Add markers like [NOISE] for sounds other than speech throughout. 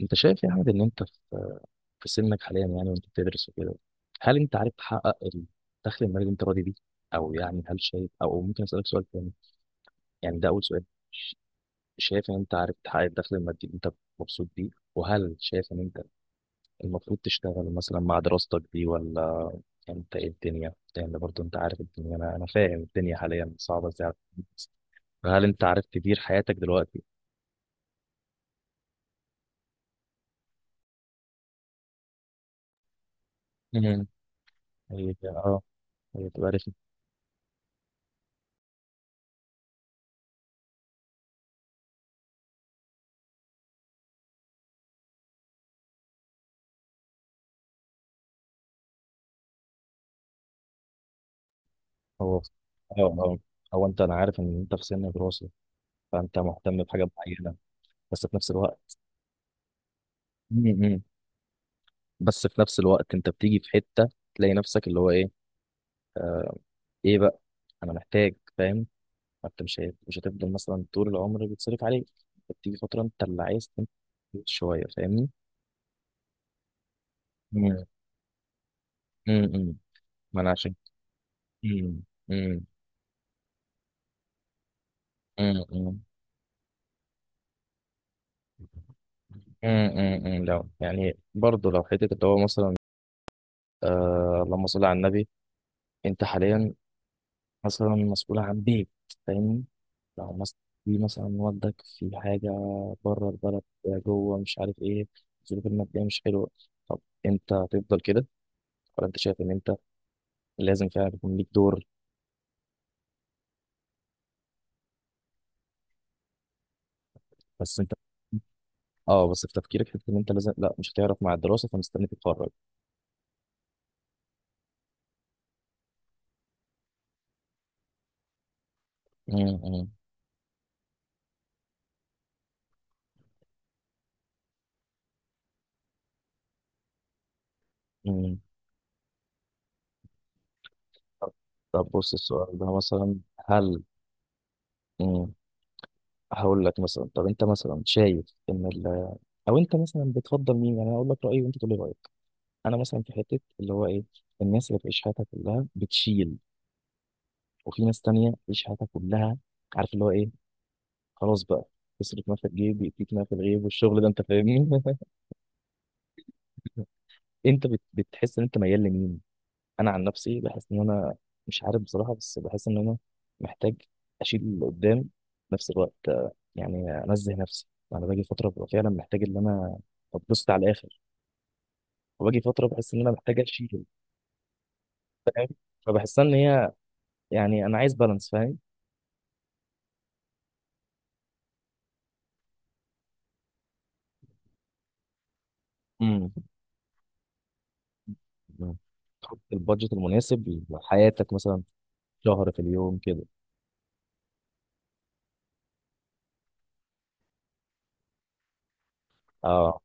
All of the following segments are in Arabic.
انت شايف يا احمد ان انت في سنك حاليا يعني وانت بتدرس وكده؟ هل انت عارف تحقق الدخل المالي اللي انت راضي بيه؟ او يعني هل شايف، او ممكن اسالك سؤال تاني؟ يعني ده اول سؤال. ش- شايف ان انت عارف تحقق الدخل المادي اللي انت مبسوط بيه؟ وهل شايف ان انت المفروض تشتغل مثلا مع دراستك دي ولا انت ايه الدنيا؟ لان برضه انت عارف الدنيا، انا فاهم الدنيا حاليا صعبه ازاي على الناس. فهل انت عارف تدير حياتك دلوقتي؟ امم اه هي تبقى هو اه اه هو انت انا عارف ان انت في سن دراسه، فانت مهتم بحاجه معينه، بس في نفس الوقت. امم بس في نفس الوقت انت بتيجي في حته تلاقي نفسك اللي هو ايه، ايه بقى، انا محتاج فاهم. انت مش هتفضل مثلا طول العمر بيتصرف عليك، انت بتيجي فتره انت اللي عايز تنتج شويه، فاهمني؟ امم امم ما انا عشان امم امم امم لا، يعني برضه لو حته اللي هو مثلا، آه اللهم صل على النبي. انت حاليا مثلا مسؤولة عن بيت، فاهمني؟ لو مثلا في مثلا والدك في حاجة بره البلد، جوه، مش عارف ايه، الظروف المادية مش حلوة، طب انت هتفضل كده ولا انت شايف ان انت لازم فعلا يكون ليك دور؟ بس انت، اه، بس في تفكيرك حتة ان انت لازم، لا مش هتعرف مع الدراسة فمستني تتخرج. امم امم طب، طب بص السؤال ده مثلا، هل، امم هقول لك مثلا، طب انت مثلا شايف ان ال... او انت مثلا بتفضل مين؟ يعني أنا هقول لك رأيي وانت تقول لي رأيك. انا مثلا في حته اللي هو ايه، الناس اللي بتعيش حياتها كلها بتشيل، وفي ناس تانية بتعيش حياتها كلها، عارف اللي هو ايه، خلاص بقى، تصرف ما في الجيب يأتيك ما في الغيب، والشغل ده انت فاهمني. [LAUGHS] انت بتحس ان انت ميال لمين؟ انا عن نفسي بحس ان انا مش عارف بصراحه، بس بحس ان انا محتاج اشيل اللي قدام، في نفس الوقت آه، يعني انزه نفسي. انا باجي فتره ببقى فعلا محتاج ان انا اتبسط على الاخر، وباجي فتره بحس ان انا محتاج اشيل. فبحس ان هي، يعني انا عايز بالانس، فاهم؟ امم مم. تحط البادجت المناسب لحياتك مثلا شهر في اليوم كده. اه،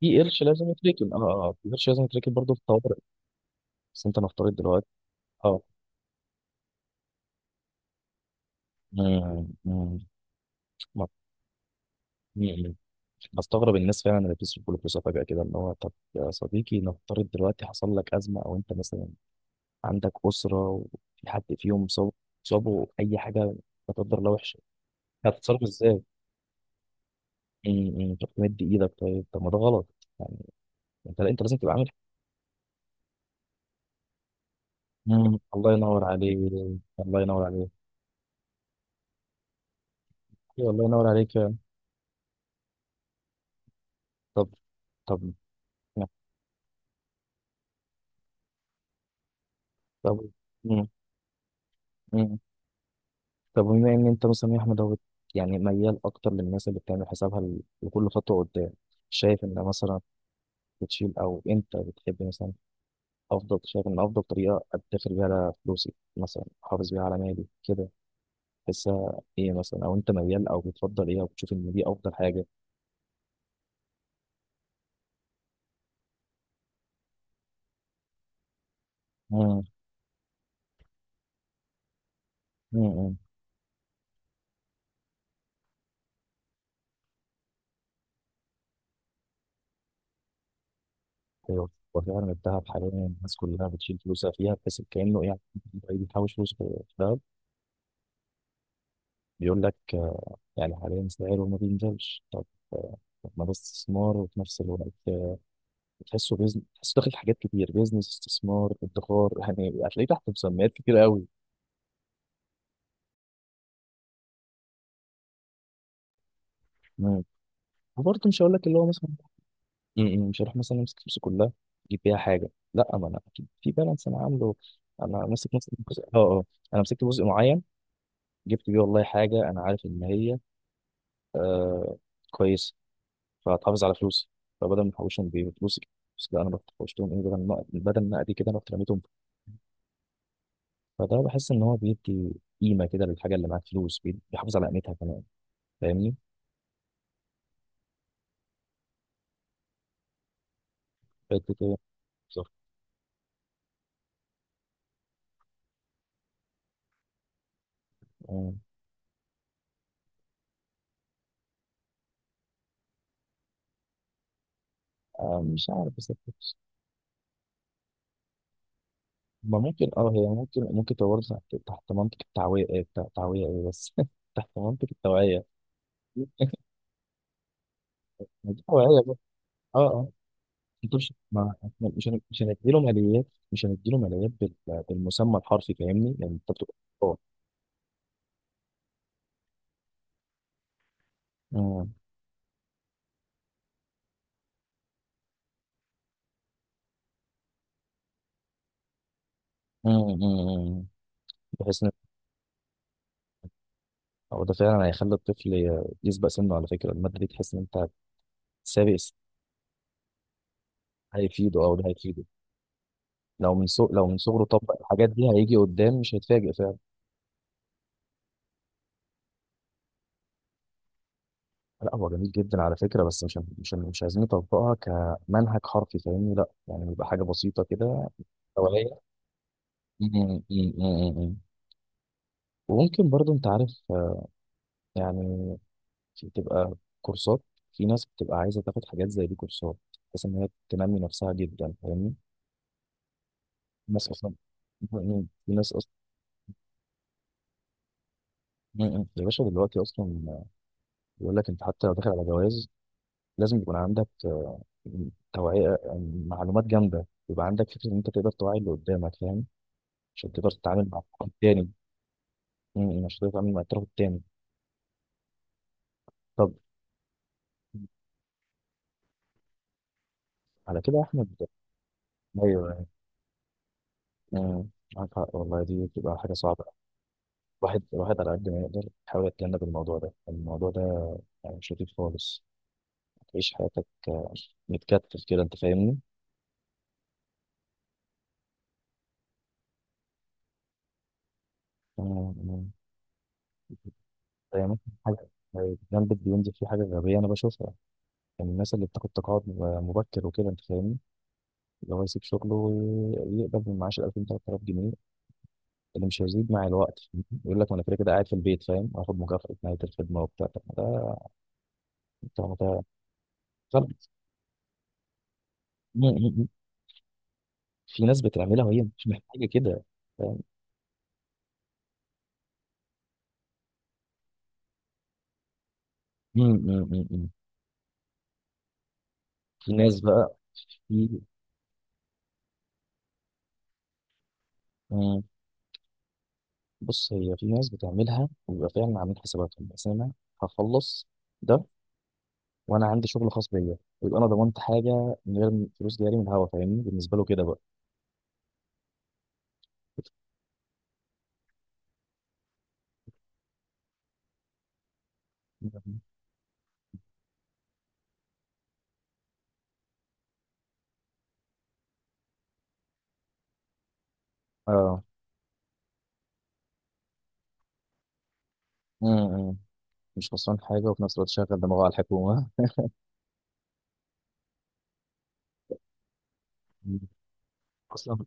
في قرش لازم يتركن. اه اه آه، في قرش لازم يتركن برضه في الطوارئ. بس انت نفترض دلوقتي، اه، مم، مم، ما- مم. بستغرب الناس فعلا اللي بتصرف كل فلوسها فجأة كده، اللي هو طب يا صديقي نفترض دلوقتي حصل لك أزمة، أو أنت مثلا عندك أسرة وفي حد فيهم صاب، صابه أي حاجة، لا قدر الله، وحشة، هتتصرف إزاي؟ طب تمد إيدك؟ طيب طب ما ده غلط يعني. أنت، لا أنت لازم تبقى عامل. مم. الله ينور عليك، الله ينور عليك. أيوة، الله ينور عليك فعلا. طب، طب يعني، طب. مم. مم. طب بما ان انت مثلا يا احمد هو يعني ميال اكتر للناس اللي بتعمل حسابها لكل خطوه قدام، شايف ان مثلا بتشيل، او انت بتحب مثلا افضل، شايف ان افضل طريقه ادخر بيها على فلوسي مثلا، احافظ بيها على مالي كده، تحسها ايه مثلا؟ او انت ميال او بتفضل ايه، او بتشوف ان دي افضل حاجه؟ مم. مم. ايوه، وفعلا الذهب حاليا الناس كلها بتشيل فلوسها فيها، بحيث كانه يعني واحد بيحوش فلوس في الذهب، بيقول لك آه، يعني حاليا سعره ما بينزلش. طب آه، طب ما ده استثمار وفي نفس الوقت آه، تحسه بيزنس، تحسه داخل في حاجات كتير، بيزنس، استثمار، ادخار، يعني هتلاقيه تحت مسميات كتير قوي. مم. وبرضه مش هقول لك اللي هو مثلا م- م، مش هروح مثلا امسك فلوسي كلها اجيب بيها حاجه، لا، ما انا اكيد في بالانس انا عامله. انا ماسك مثلا جزء، اه اه، انا مسكت جزء معين جبت بيه والله حاجه انا عارف ان هي آه كويس، فهتحافظ على فلوسي. فبدل ما احوشهم بفلوسي، بس لا، انا رحت حوشتهم ايه، بدل ما، بدل ما ادي كده رحت رميتهم. فده بحس ان هو بيدي قيمه كده للحاجه اللي معاك، فلوس بيحافظ على قيمتها كمان، فاهمني؟ حتة إيه؟ بالظبط. آه، آه، مش عارف بس. ما ممكن، اه، هي ممكن، ممكن تبقى برضه تحت، تحت منطق التعويه إيه، التعويه ايه بس، [LAUGHS] تحت منطق التوعيه. دي توعيه بقى. اه آه. انتوا مش، ما احنا مش هنديله ماليات، مش هنديله ماليات بالمسمى الحرفي فاهمني، يعني انت بتبقى، اه. امم، امم، امم. بحيث ان، هو ده فعلا هيخلي الطفل يسبق سنه، على فكره الماده دي تحس ان انت سابق سنه. هيفيده، او ده هيفيده. لو من صغره طبق الحاجات دي هيجي قدام مش هيتفاجئ فعلا. لا هو جميل جدا على فكره، بس مش عايزين نطبقها كمنهج حرفي، فاهمني؟ لا يعني يبقى حاجه بسيطه كده، دوريه. امم، امم، امم، امم. وممكن برضو انت عارف، يعني دي بتبقى كورسات، في ناس بتبقى عايزه تاخد حاجات زي دي كورسات، بحيث ان هي تنمي نفسها جدا، فاهمني؟ الناس اصلا، في ناس اصلا، يا باشا دلوقتي اصلا بيقول لك انت حتى لو داخل على جواز لازم يكون عندك آه، توعيه، يعني معلومات جامده يبقى عندك فكره ان انت تقدر توعي اللي قدامك فاهم، عشان تقدر تتعامل مع الطرف التاني. عشان تقدر تتعامل مع الطرف التاني. طب على كده يا احمد. ايوه. م- معاك حق والله، دي بتبقى حاجه صعبه. الواحد، الواحد على قد ما يقدر يحاول يتجنب الموضوع ده، الموضوع ده يعني مش لطيف خالص. تعيش حياتك آه، متكتف كده، انت فاهمني؟ آه، آه. يعني ممكن حاجة جنبك بينزل في حاجة غبية أنا بشوفها، يعني الناس اللي بتاخد تقاعد مبكر وكده أنت فاهمني، اللي هو يسيب شغله ويقبل من معاش 2000 3000 جنيه اللي مش هيزيد مع الوقت، يقول لك ما أنا كده كده قاعد في البيت فاهم، هاخد مكافأة نهاية الخدمة وبتاع. طب ما ده، طب ما ده غلط. م. في ناس بتعملها وهي مش محتاجة كده، فاهم؟ م. في ناس بقى، في، مم. بص، هي في ناس بتعملها وبيبقى فعلا عاملين حساباتهم، بس انا هخلص ده وانا عندي شغل خاص بيا، ويبقى انا ضمنت حاجه من غير فلوس جاري من الهوا، فاهمني؟ بالنسبه له كده بقى. [LAUGHS] اه. امم مش خسران حاجه، وفي نفس الوقت شغل دماغه على الحكومه. [LAUGHS] مم. اصلا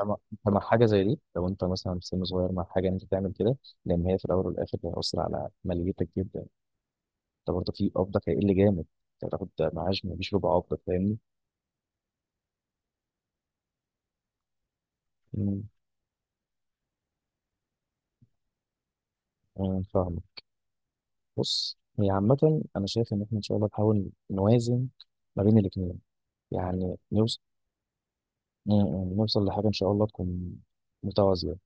مع، مع حاجه زي دي لو انت مثلا في سن صغير، مع حاجه إن انت تعمل كده، لان هي في الاول والاخر هتاثر على ماليتك جدا. انت برضه في قبضك هيقل جامد، انت هتاخد معاش مفيش ربع قبضك، فاهمني؟ آه، فاهمك. بص هي عامة أنا شايف إن إحنا إن شاء الله نحاول نوازن ما بين الاتنين، يعني نوصل، نوصل لحاجة إن شاء الله تكون متوازية